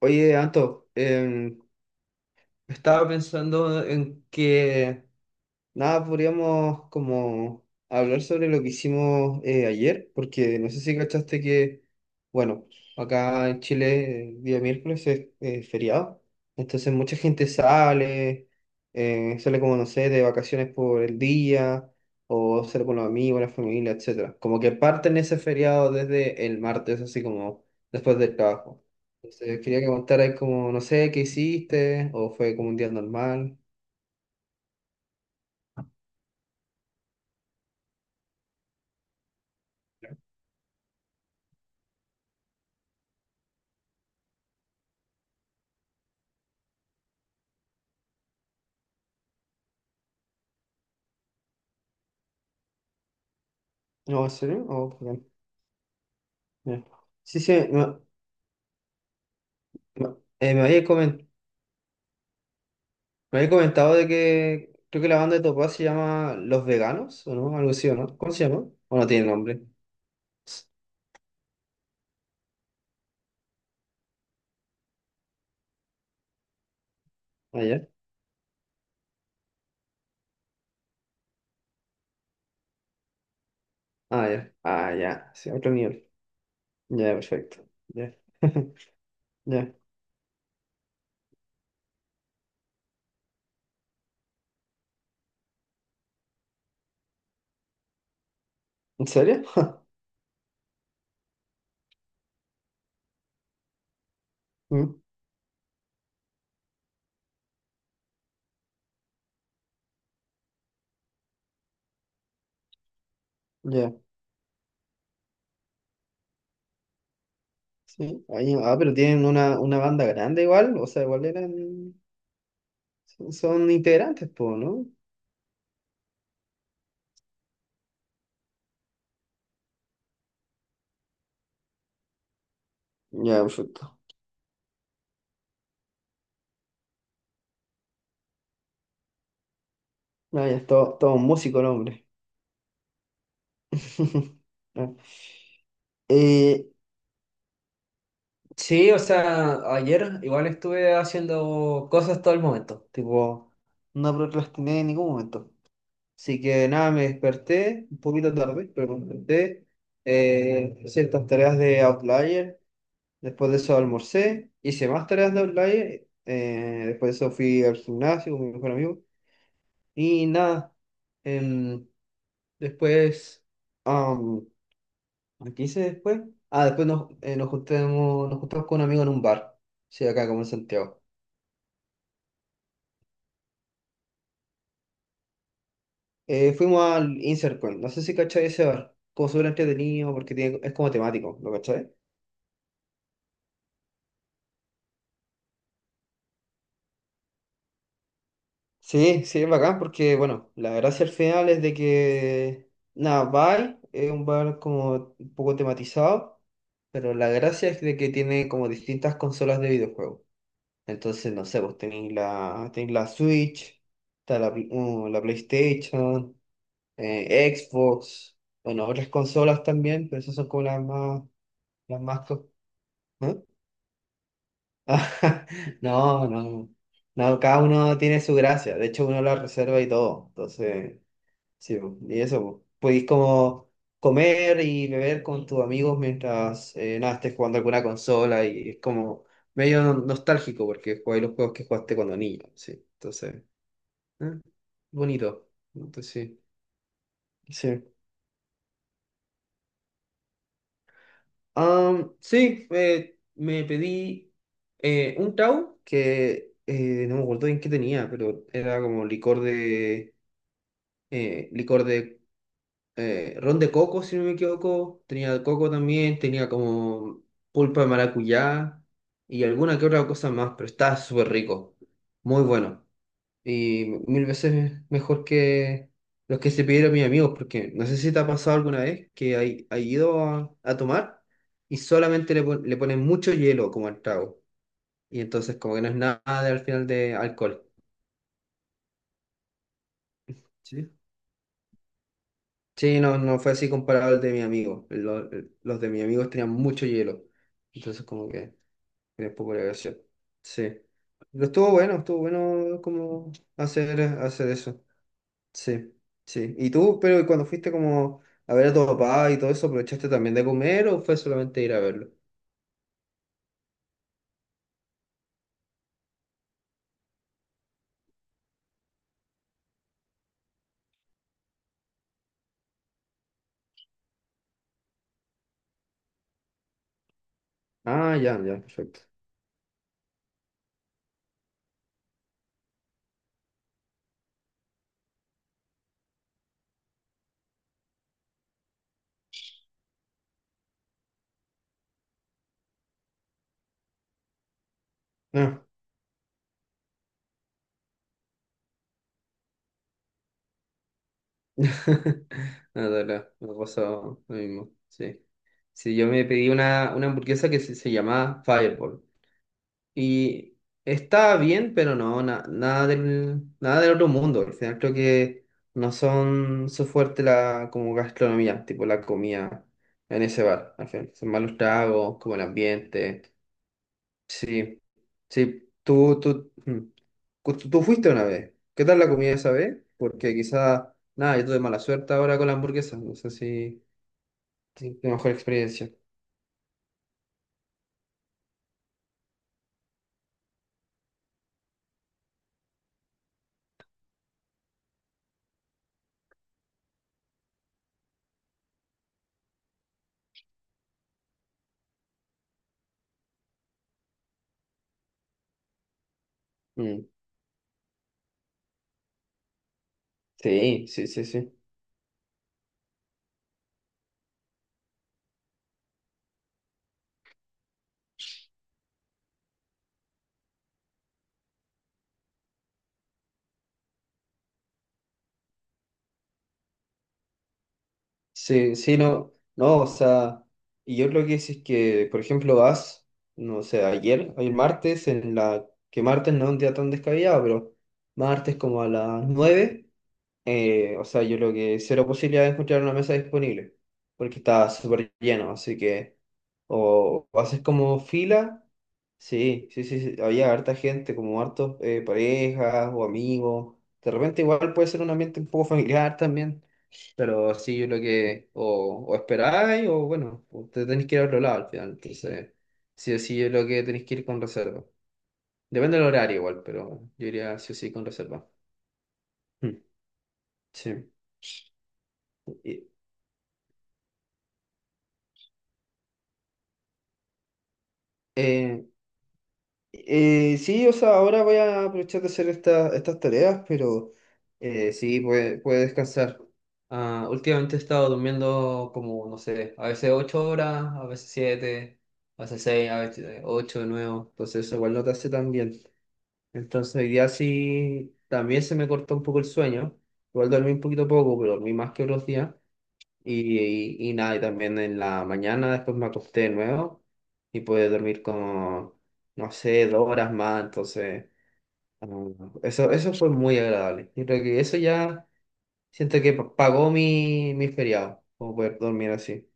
Oye, Anto, estaba pensando en que. Nada, podríamos como hablar sobre lo que hicimos ayer, porque no sé si cachaste que, bueno, acá en Chile el día miércoles es feriado, entonces mucha gente sale, sale como, no sé, de vacaciones por el día, o sale con los amigos, la familia, etcétera. Como que parten ese feriado desde el martes, así como después del trabajo. Entonces quería que contaras como, no sé, qué hiciste, o fue como un día normal. No, ¿en serio? Oh, ya. Sí, sí, me- eh, me había comen- me había comentado de que creo que la banda de Topaz se llama Los Veganos, ¿o no? Algo así, ¿o no? ¿Cómo se llama? ¿O no tiene nombre? Ah, ya. Ah, ya. Ah, ya. Sí, otro nivel. Ya, perfecto. Ya. Ya. ¿En serio? Mm, ya. Sí. Pero tienen una banda grande igual, o sea, igual eran... son integrantes, po, ¿no? Ya, perfecto. Ah, ya, todo un músico el hombre. Ah. Eh, sí, o sea, ayer igual estuve haciendo cosas todo el momento, tipo, no procrastiné en ningún momento. Así que nada, me desperté un poquito tarde, pero me desperté, hice estas tareas de Outlier, después de eso almorcé, hice más tareas de Outlier, después de eso fui al gimnasio con mi mejor amigo y nada, em, después... ¿A qué hice después? Ah, después nos juntamos con un amigo en un bar. Sí, acá como en Santiago. Fuimos al Insert Coin. No sé si cachai ese bar. Como súper entretenido porque tiene, es como temático, ¿lo cachai? Sí, sí, es bacán porque, bueno, la gracia al final es de que, nada, Bai es un bar como un poco tematizado, pero la gracia es de que tiene como distintas consolas de videojuegos. Entonces, no sé, vos tenéis tenéis la Switch, está la PlayStation, Xbox, bueno, otras consolas también, pero esas son como las más, las más, co- ¿eh? No, no, no, cada uno tiene su gracia, de hecho uno la reserva y todo, entonces, sí, po, y eso, po. Podéis como comer y beber con tus amigos mientras, nada, estés jugando alguna consola y es como medio nostálgico porque jugáis los juegos que jugaste cuando niño, sí, entonces, ¿eh? Bonito, entonces sí, sí. Am, sí, me pedí un tau que no me acuerdo bien qué tenía, pero era como licor de eh, licor de ron de coco, si no me equivoco. Tenía coco también, tenía como pulpa de maracuyá y alguna que otra cosa más, pero estaba súper rico, muy bueno. Y mil veces mejor que los que se pidieron mis amigos, porque no sé si te ha pasado alguna vez que hay ido a tomar y solamente le ponen mucho hielo como al trago. Y entonces como que no es nada al final de alcohol. Sí. Sí, no, no fue así comparado al de mi amigo. Los de mis amigos tenían mucho hielo. Entonces como que tenía poco de gracia. Sí. Pero estuvo bueno como hacer eso. Sí, sí. ¿Y tú, pero cuando fuiste como a ver a tu papá y todo eso, aprovechaste también de comer o fue solamente ir a verlo? Ah, ya, ya, perfecto. Ah. Nada, nada, me pasó lo mismo, sí. Sí, yo me pedí una hamburguesa que se llamaba Fireball. Y está bien, pero no, nada del, nada del otro mundo. Al final creo que no son su fuerte la como gastronomía, tipo la comida en ese bar. Al final son malos tragos, como el ambiente. Sí, sí. Mm. Tú fuiste una vez. ¿Qué tal la comida esa vez? Porque quizá, nada, yo tuve mala suerte ahora con la hamburguesa. No sé si, si tu mejor experiencia. Mm. Sí, sí, sí, sí. Sí, sí, no, no, o sea, y yo creo que si es que, por ejemplo, vas, no sé, ayer martes, en la, que martes no es un día tan descabellado, pero martes como a las 9 o sea, yo creo que cero posibilidad de encontrar una mesa disponible, porque está súper lleno, así que, o haces como fila, sí, sí, sí, sí, había harta gente, como hartos parejas o amigos, de repente igual puede ser un ambiente un poco familiar también. Pero sí, yo lo que o esperáis o bueno, o te tenéis que ir a otro lado al final. Entonces, sí o sí es lo que tenéis que ir con reserva. Depende del horario igual, pero yo iría sí o sí con reserva. Mm, sí. Y- eh, sí, o sea, ahora voy a aprovechar de hacer estas tareas, pero sí, puede descansar. Ah, últimamente he estado durmiendo como, no sé, a veces 8 horas, a veces 7, a veces 6, a veces 8 de nuevo. Entonces, eso igual no te hace tan bien. Entonces hoy día sí también se me cortó un poco el sueño. Igual dormí un poquito poco, pero dormí más que otros días. Y, y nada, y también en la mañana después me acosté de nuevo y pude dormir como, no sé, 2 horas más. Entonces, ah, eso fue muy agradable. Yo creo que eso ya siento que pagó mi feriado, como poder dormir así.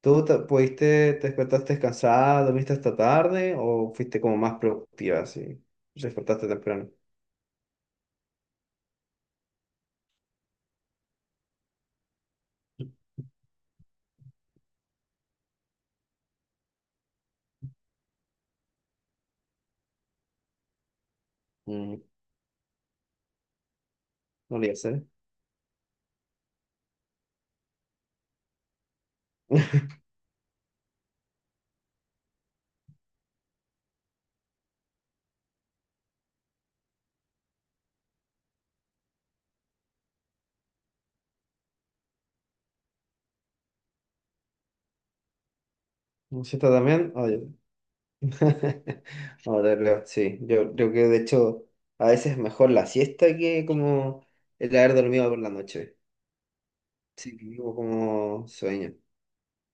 ¿Tú te, pudiste, te despertaste cansada, dormiste hasta tarde o fuiste como más productiva así? ¿Despertaste temprano? No lo sé. ¿Usted está también? Oye. Sí. Yo creo que de hecho a veces es mejor la siesta que como el haber dormido por la noche. Sí, que vivo como sueño.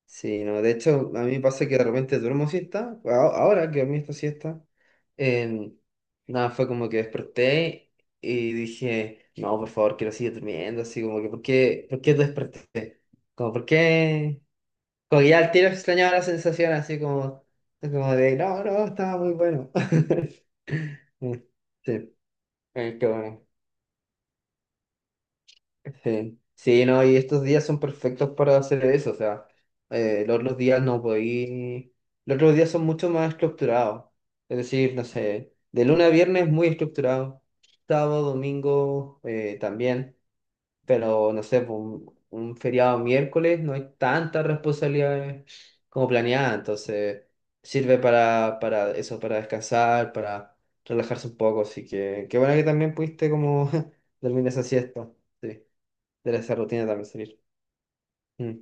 Sí, no, de hecho a mí me pasa que de repente duermo siesta. Ahora que dormí esta siesta, eh, nada, fue como que desperté y dije, no, por favor, quiero seguir durmiendo. Así como que, por qué desperté? Como, ¿por qué? Como que ya al tiro extrañaba la sensación así como, como de, no, no, estaba muy bueno. Sí, qué bueno. Sí. Sí, no, y estos días son perfectos para hacer eso, o sea, los otros días no podí, los otros días son mucho más estructurados, es decir, no sé, de lunes a viernes muy estructurado, sábado, domingo también. Pero no sé, po, un feriado miércoles no hay tantas responsabilidades como planeada, entonces sirve para eso, para descansar, para relajarse un poco, así que qué bueno que también pudiste como dormir esa siesta, sí, de esa rutina también salir. Mm.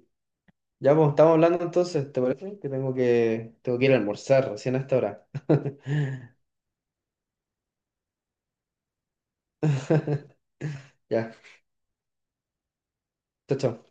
Ya, pues estamos hablando entonces, ¿te parece? Que tengo que, tengo que ir a almorzar recién a esta hora. Ya, chao, chao.